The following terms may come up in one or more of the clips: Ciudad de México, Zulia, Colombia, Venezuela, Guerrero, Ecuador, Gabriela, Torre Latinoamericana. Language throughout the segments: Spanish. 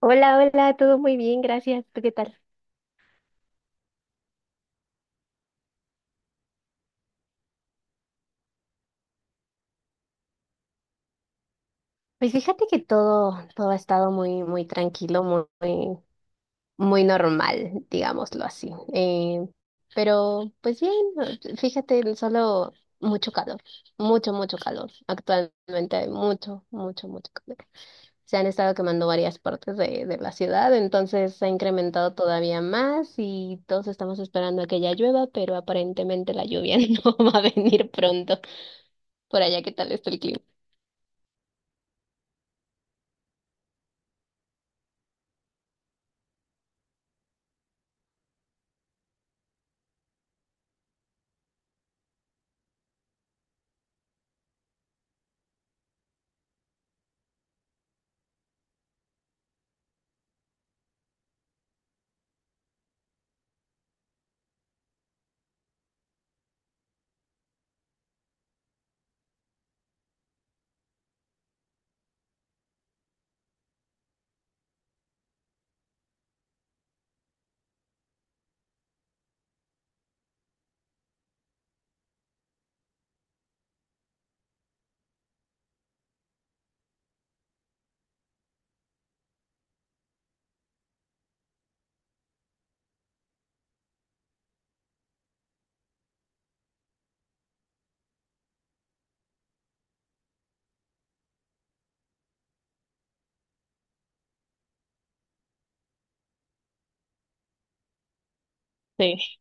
Hola, hola, todo muy bien, gracias. ¿Tú qué tal? Pues fíjate que todo ha estado muy, muy tranquilo, muy normal, digámoslo así. Pero, pues bien, fíjate, solo mucho calor, mucho calor. Actualmente hay mucho calor. Se han estado quemando varias partes de la ciudad, entonces se ha incrementado todavía más y todos estamos esperando a que ya llueva, pero aparentemente la lluvia no va a venir pronto. Por allá, ¿qué tal está el clima? Sí.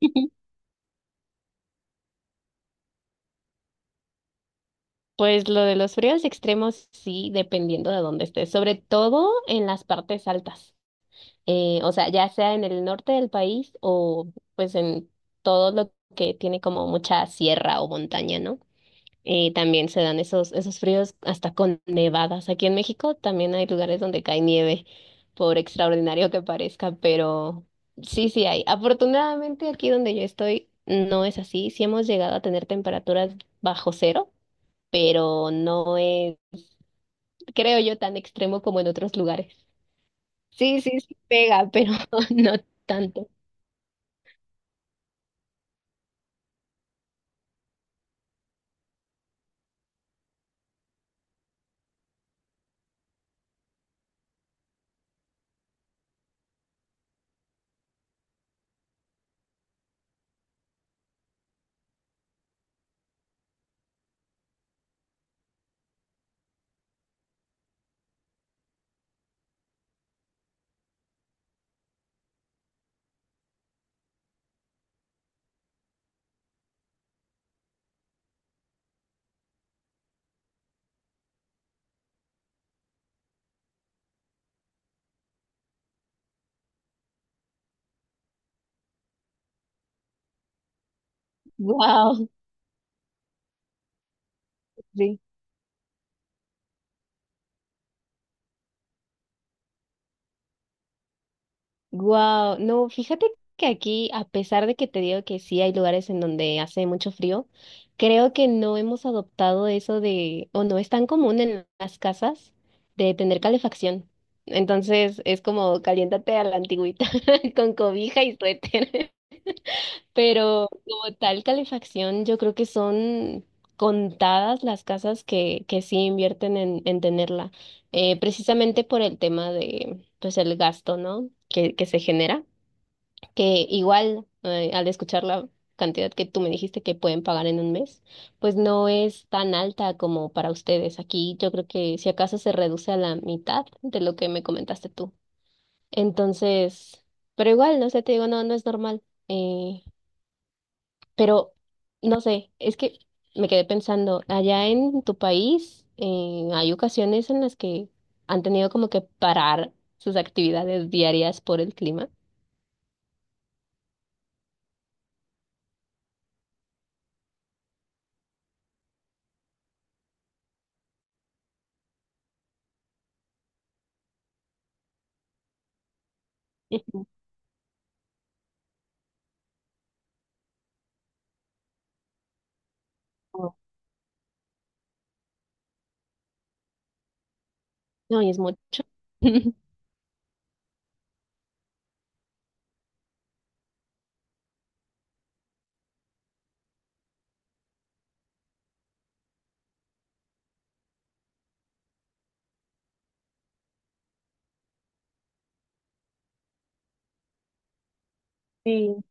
Pues lo de los fríos extremos sí, dependiendo de dónde estés, sobre todo en las partes altas. O sea, ya sea en el norte del país o pues en todo lo que tiene como mucha sierra o montaña, ¿no? También se dan esos fríos hasta con nevadas. Aquí en México también hay lugares donde cae nieve, por extraordinario que parezca, pero sí, sí hay. Afortunadamente aquí donde yo estoy no es así, sí hemos llegado a tener temperaturas bajo cero, pero no es, creo yo, tan extremo como en otros lugares. Sí, sí, sí pega, pero no tanto. Wow, sí. Wow. No, fíjate que aquí, a pesar de que te digo que sí hay lugares en donde hace mucho frío, creo que no hemos adoptado eso de, o no es tan común en las casas de tener calefacción. Entonces es como caliéntate a la antigüita con cobija y suéter. Pero como tal calefacción, yo creo que son contadas las casas que sí invierten en tenerla, precisamente por el tema de, pues, el gasto, ¿no? Que se genera, que igual al escuchar la cantidad que tú me dijiste que pueden pagar en un mes, pues no es tan alta como para ustedes. Aquí yo creo que si acaso se reduce a la mitad de lo que me comentaste tú. Entonces, pero igual, no sé, te digo, no, no es normal. Eh, pero no sé, es que me quedé pensando, allá en tu país hay ocasiones en las que han tenido como que parar sus actividades diarias por el clima. Ujú. No, y es mucho. Sí,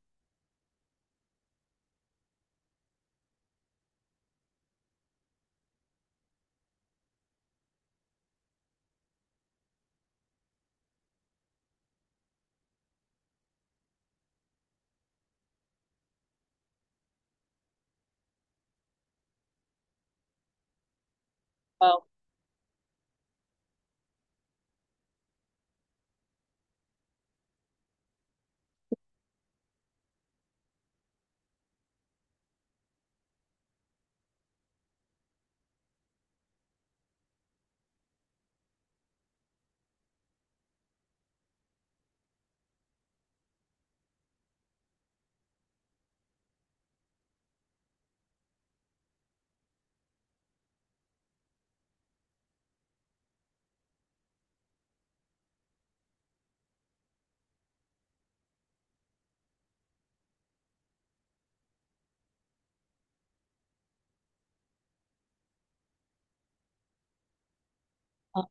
wow. Ah.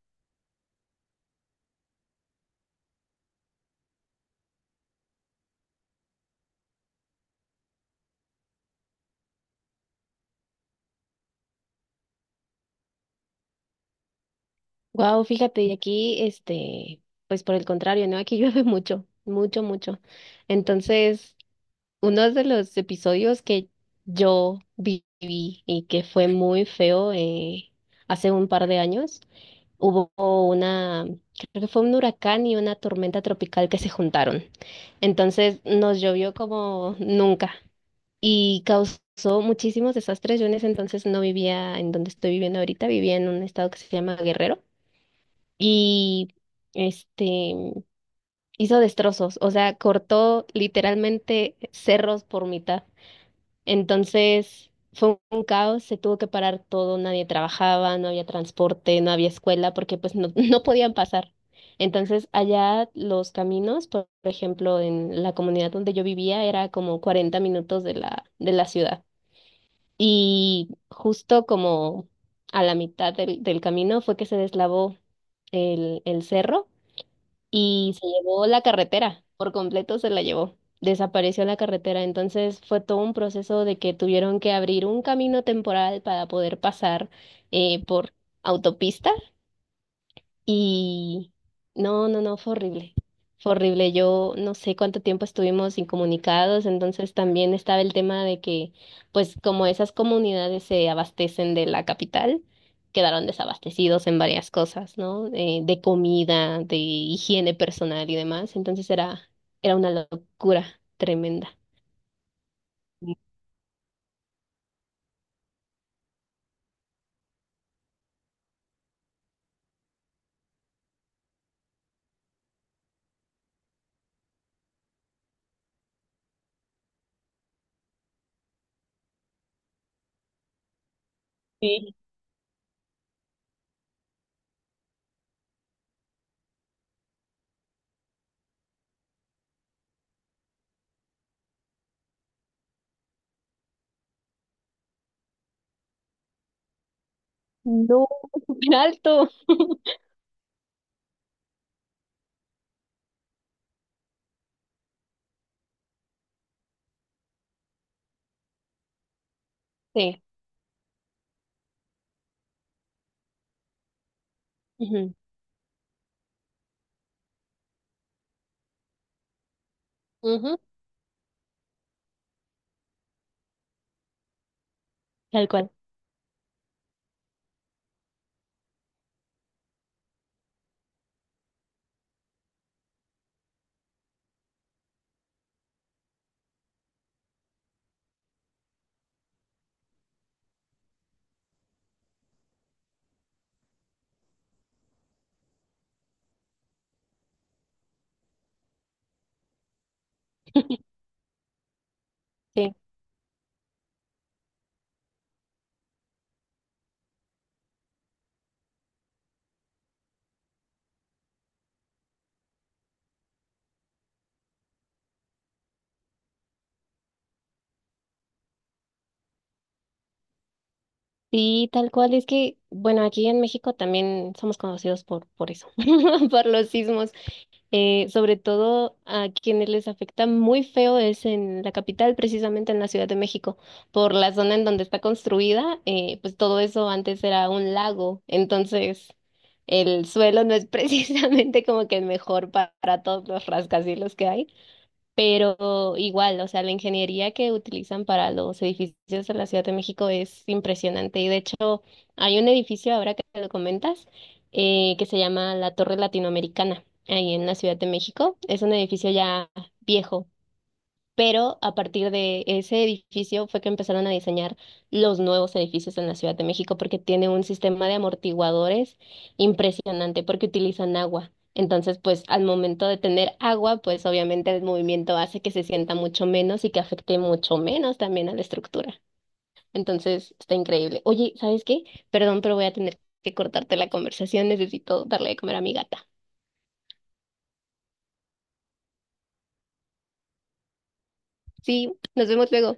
Wow, fíjate, y aquí, este, pues por el contrario, ¿no? Aquí llueve mucho, mucho, mucho. Entonces, uno de los episodios que yo viví y que fue muy feo, hace un par de años, hubo una, creo que fue un huracán y una tormenta tropical que se juntaron. Entonces nos llovió como nunca y causó muchísimos desastres. Yo en ese entonces no vivía en donde estoy viviendo ahorita, vivía en un estado que se llama Guerrero y este hizo destrozos, o sea, cortó literalmente cerros por mitad. Entonces fue un caos, se tuvo que parar todo, nadie trabajaba, no había transporte, no había escuela, porque pues no, no podían pasar. Entonces allá los caminos, por ejemplo, en la comunidad donde yo vivía, era como 40 minutos de la ciudad. Y justo como a la mitad del camino fue que se deslavó el cerro y se llevó la carretera, por completo se la llevó, desapareció la carretera, entonces fue todo un proceso de que tuvieron que abrir un camino temporal para poder pasar por autopista y no, no, no, fue horrible. Fue horrible. Yo no sé cuánto tiempo estuvimos incomunicados, entonces también estaba el tema de que, pues como esas comunidades se abastecen de la capital, quedaron desabastecidos en varias cosas, ¿no? De comida, de higiene personal y demás. Era una locura tremenda. Sí. No, súper alto. Sí. Ujú. Ujú. Tal cual. Sí. Sí, tal cual. Es que, bueno, aquí en México también somos conocidos por eso, por los sismos. Sobre todo a quienes les afecta muy feo es en la capital, precisamente en la Ciudad de México, por la zona en donde está construida, pues todo eso antes era un lago, entonces el suelo no es precisamente como que el mejor pa- para todos los rascacielos que hay. Pero igual, o sea, la ingeniería que utilizan para los edificios de la Ciudad de México es impresionante y de hecho hay un edificio, ahora que lo comentas, que se llama la Torre Latinoamericana, ahí en la Ciudad de México. Es un edificio ya viejo, pero a partir de ese edificio fue que empezaron a diseñar los nuevos edificios en la Ciudad de México, porque tiene un sistema de amortiguadores impresionante, porque utilizan agua. Entonces, pues al momento de tener agua, pues obviamente el movimiento hace que se sienta mucho menos y que afecte mucho menos también a la estructura. Entonces, está increíble. Oye, ¿sabes qué? Perdón, pero voy a tener que cortarte la conversación. Necesito darle de comer a mi gata. Sí, nos vemos luego.